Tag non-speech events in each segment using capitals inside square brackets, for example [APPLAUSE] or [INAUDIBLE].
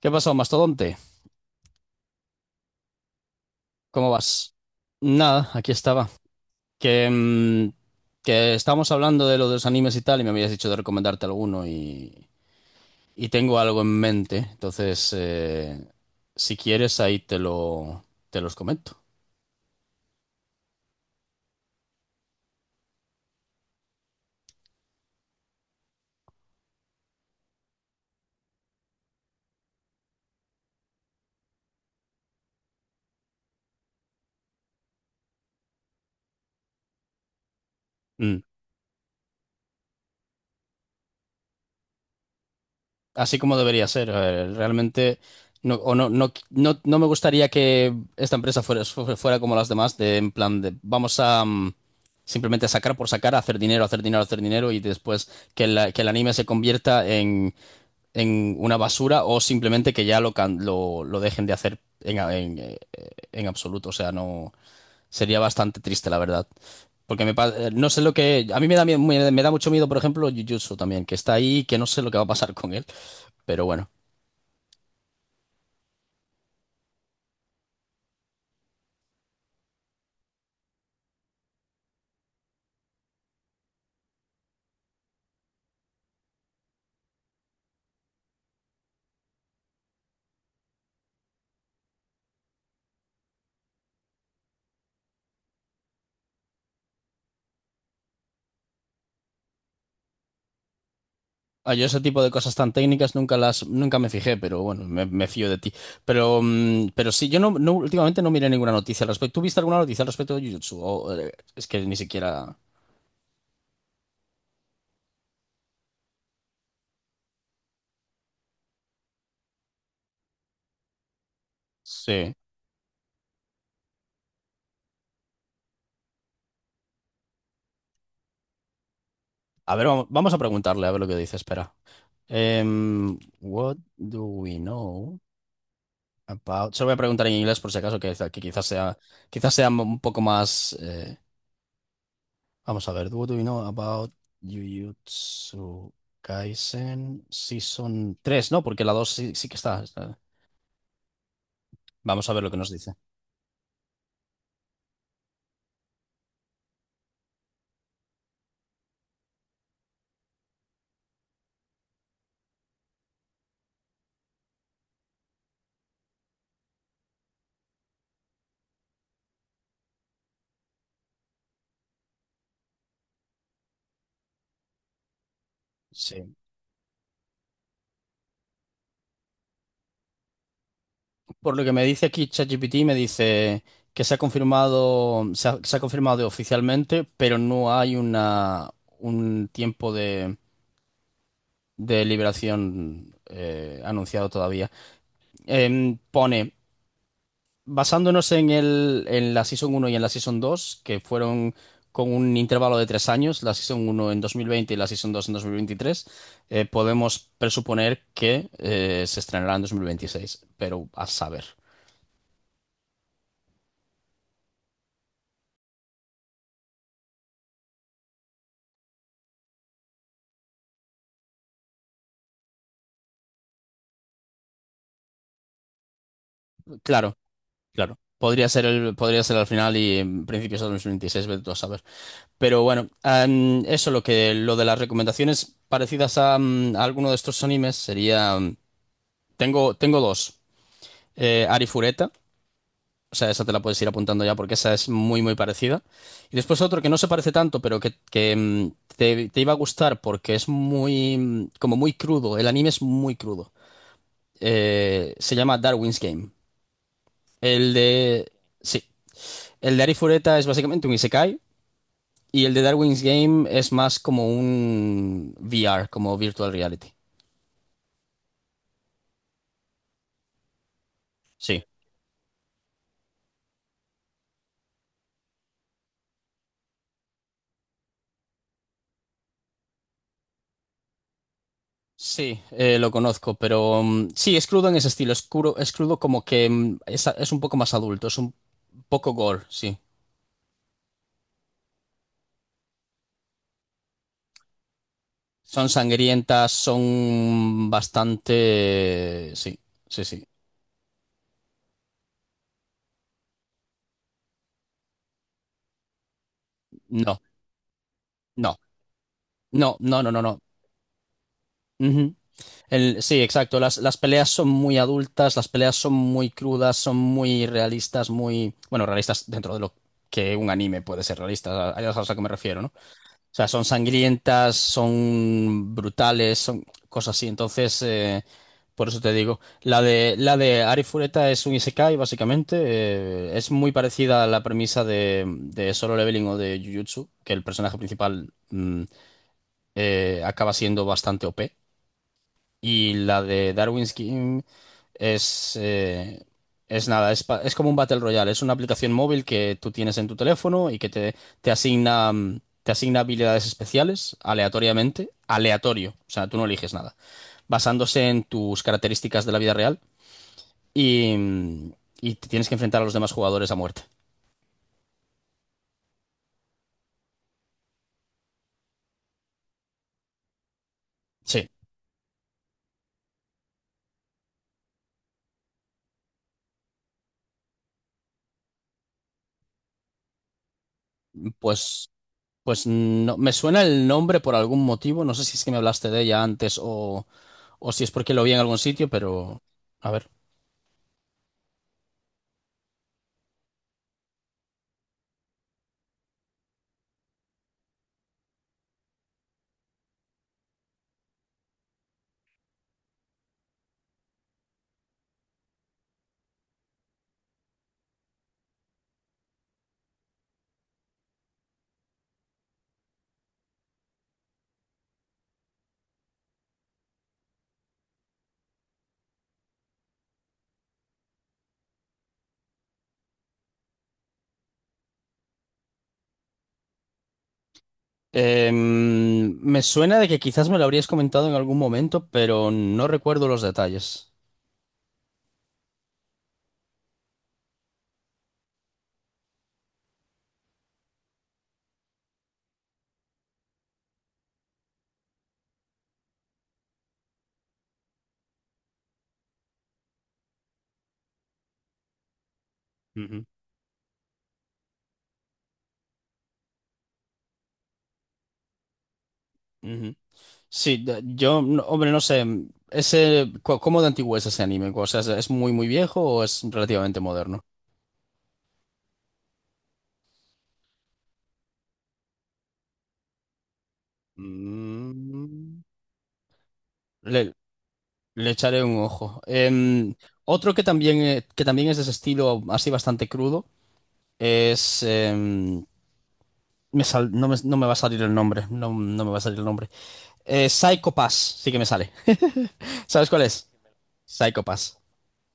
¿Qué pasó, mastodonte? ¿Cómo vas? Nada, aquí estaba. Que, mm, que estábamos hablando de lo de los animes y tal, y me habías dicho de recomendarte alguno y tengo algo en mente. Entonces, si quieres, te los comento. Mm. Así como debería ser. A ver, realmente no, o no, no, no, no me gustaría que esta empresa fuera como las demás, de en plan de vamos a simplemente sacar por sacar, hacer dinero, hacer dinero, hacer dinero y después que el anime se convierta en una basura o simplemente que ya lo dejen de hacer en absoluto. O sea, no. Sería bastante triste, la verdad. No sé lo que. A mí me da mucho miedo, por ejemplo, Jujutsu también, que está ahí y que no sé lo que va a pasar con él. Pero bueno. Ah, yo ese tipo de cosas tan técnicas nunca me fijé, pero bueno, me fío de ti. Pero sí, yo últimamente no miré ninguna noticia al respecto. ¿Tú viste alguna noticia al respecto de Jujutsu? Es que ni siquiera. Sí. A ver, vamos a preguntarle a ver lo que dice. Espera. What do we know? About. Se lo voy a preguntar en inglés por si acaso, que quizás sea un poco más. Vamos a ver. What do you know about Jujutsu Kaisen Season tres? No, porque la 2 sí, sí que está, está. Vamos a ver lo que nos dice. Sí. Por lo que me dice aquí ChatGPT, me dice que se ha confirmado, se ha confirmado oficialmente, pero no hay un tiempo de liberación anunciado todavía. Pone. Basándonos en la Season uno y en la Season 2 que fueron con un intervalo de 3 años, la Season uno en 2020 y la Season 2 en 2023, podemos presuponer que se estrenará en 2026, pero a saber. Claro, claro. Podría ser al final y en principios de 2026, vete tú a saber. Pero bueno, eso lo de las recomendaciones parecidas a alguno de estos animes sería. Tengo dos. Arifureta. O sea, esa te la puedes ir apuntando ya porque esa es muy, muy parecida. Y después otro que no se parece tanto, pero te iba a gustar porque es como muy crudo. El anime es muy crudo. Se llama Darwin's Game. El de... Sí. El de Arifureta es básicamente un isekai y el de Darwin's Game es más como un VR, como virtual reality. Sí. Sí, lo conozco, pero sí, es crudo en ese estilo, es crudo como que es un poco más adulto, es un poco gore, sí. Son sangrientas, son bastante... Sí, sí, sí. No, no, no, no, no, no, no. Ujú. Sí, exacto. Las peleas son muy adultas, las peleas son muy crudas, son muy realistas, muy... Bueno, realistas dentro de lo que un anime puede ser realista, a eso es a lo que me refiero, ¿no? O sea, son sangrientas, son brutales, son cosas así. Entonces, por eso te digo, la de Ari Fureta es un isekai, básicamente. Es muy parecida a la premisa de Solo Leveling o de Jujutsu, que el personaje principal acaba siendo bastante OP. Y la de Darwin's Game es, eh, es nada, es como un Battle Royale, es una aplicación móvil que tú tienes en tu teléfono y te asigna, te asigna habilidades especiales aleatoriamente, aleatorio, o sea, tú no eliges nada, basándose en tus características de la vida real y, mm, y te tienes que enfrentar a los demás jugadores a muerte. Sí, pues, pues no, me suena el nombre por algún motivo, no sé si es que me hablaste de ella antes o si es porque lo vi en algún sitio, pero... A ver. Me suena de que quizás me lo habrías comentado en algún momento, pero no recuerdo los detalles. Ujú, ujú. Sí, de- yo, no- hombre, no sé, ¿cómo de antiguo es ese anime? O sea, es muy, muy viejo o es relativamente moderno? Mm, Le, le echaré un ojo. Otro que también es de ese estilo así bastante crudo es... em, me sal- no me, no me va a salir el nombre, no me va a salir el nombre. Psycho Pass, sí que me sale. [LAUGHS] ¿Sabes cuál es? Psycho Pass.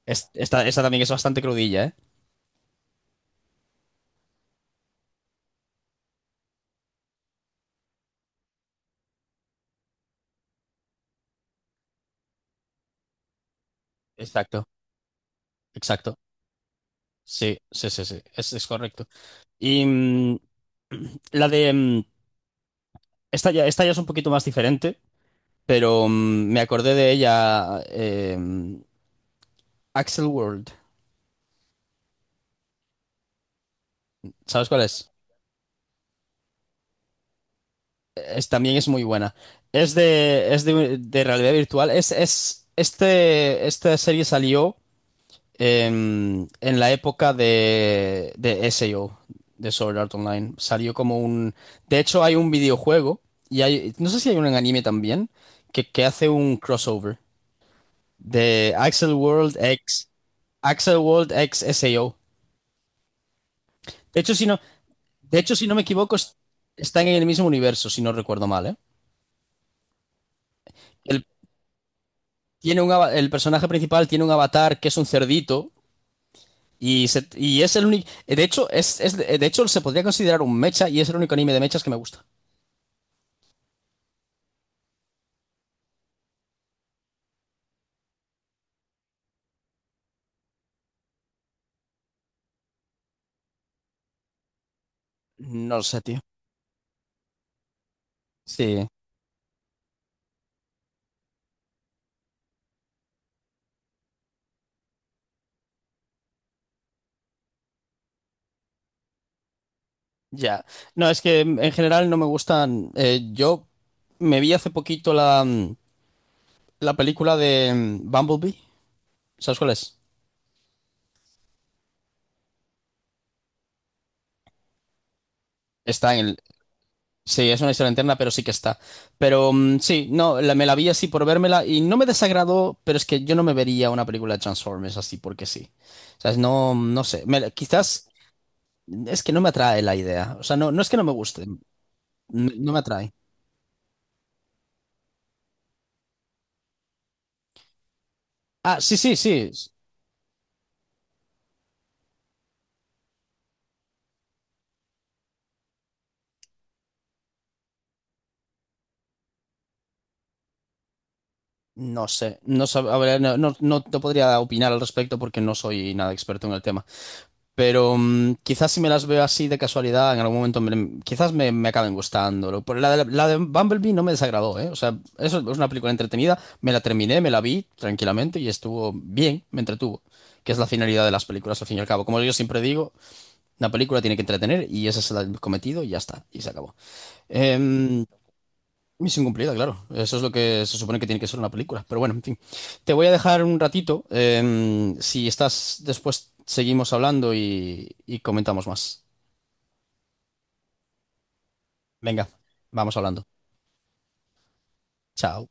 Esta también es bastante crudilla, ¿eh? Exacto, exacto. Sí, sí, sí, sí. Es correcto. Y mm, la de. mm, esta ya es un poquito más diferente, pero me acordé de ella. Axel World. ¿Sabes cuál es? También es muy buena. Es de realidad virtual. Esta serie salió en la época de SAO, de Sword Art Online. Salió como un... De hecho, hay un videojuego, y hay... No sé si hay un anime también, que hace un crossover de Axel World X... Axel World X SAO. De hecho, si no, de hecho, si no me equivoco, está en el mismo universo, si no recuerdo mal, ¿eh? El, el personaje principal tiene un avatar que es un cerdito. Y es el único. De hecho, de hecho, se podría considerar un mecha y es el único anime de mechas que me gusta. No lo sé, tío. Sí, ya. No, es que en general no me gustan. Yo me vi hace poquito la película de Bumblebee. ¿Sabes cuál es? Está en el. Sí, es una historia interna, pero sí que está. Pero sí, no, me la vi así por vérmela y no me desagradó, pero es que yo no me vería una película de Transformers así porque sí. O sea, no, no sé. Quizás. Es que no me atrae la idea. O sea, no, no es que no me guste, no me atrae. Ah, sí, sí, sí. No sé, a ver, no te podría opinar al respecto porque no soy nada experto en el tema. Pero quizás si me las veo así de casualidad, en algún momento quizás me acaben gustando. La de Bumblebee no me desagradó, ¿eh? O sea, eso es una película entretenida. Me la terminé, me la vi tranquilamente y estuvo bien, me entretuvo. Que es la finalidad de las películas, al fin y al cabo. Como yo siempre digo, una película tiene que entretener y ese es el cometido y ya está, y se acabó. Em, Misión cumplida, claro. Eso es lo que se supone que tiene que ser una película. Pero bueno, en fin. Te voy a dejar un ratito. Si estás después, seguimos hablando y comentamos más. Venga, vamos hablando. Chao.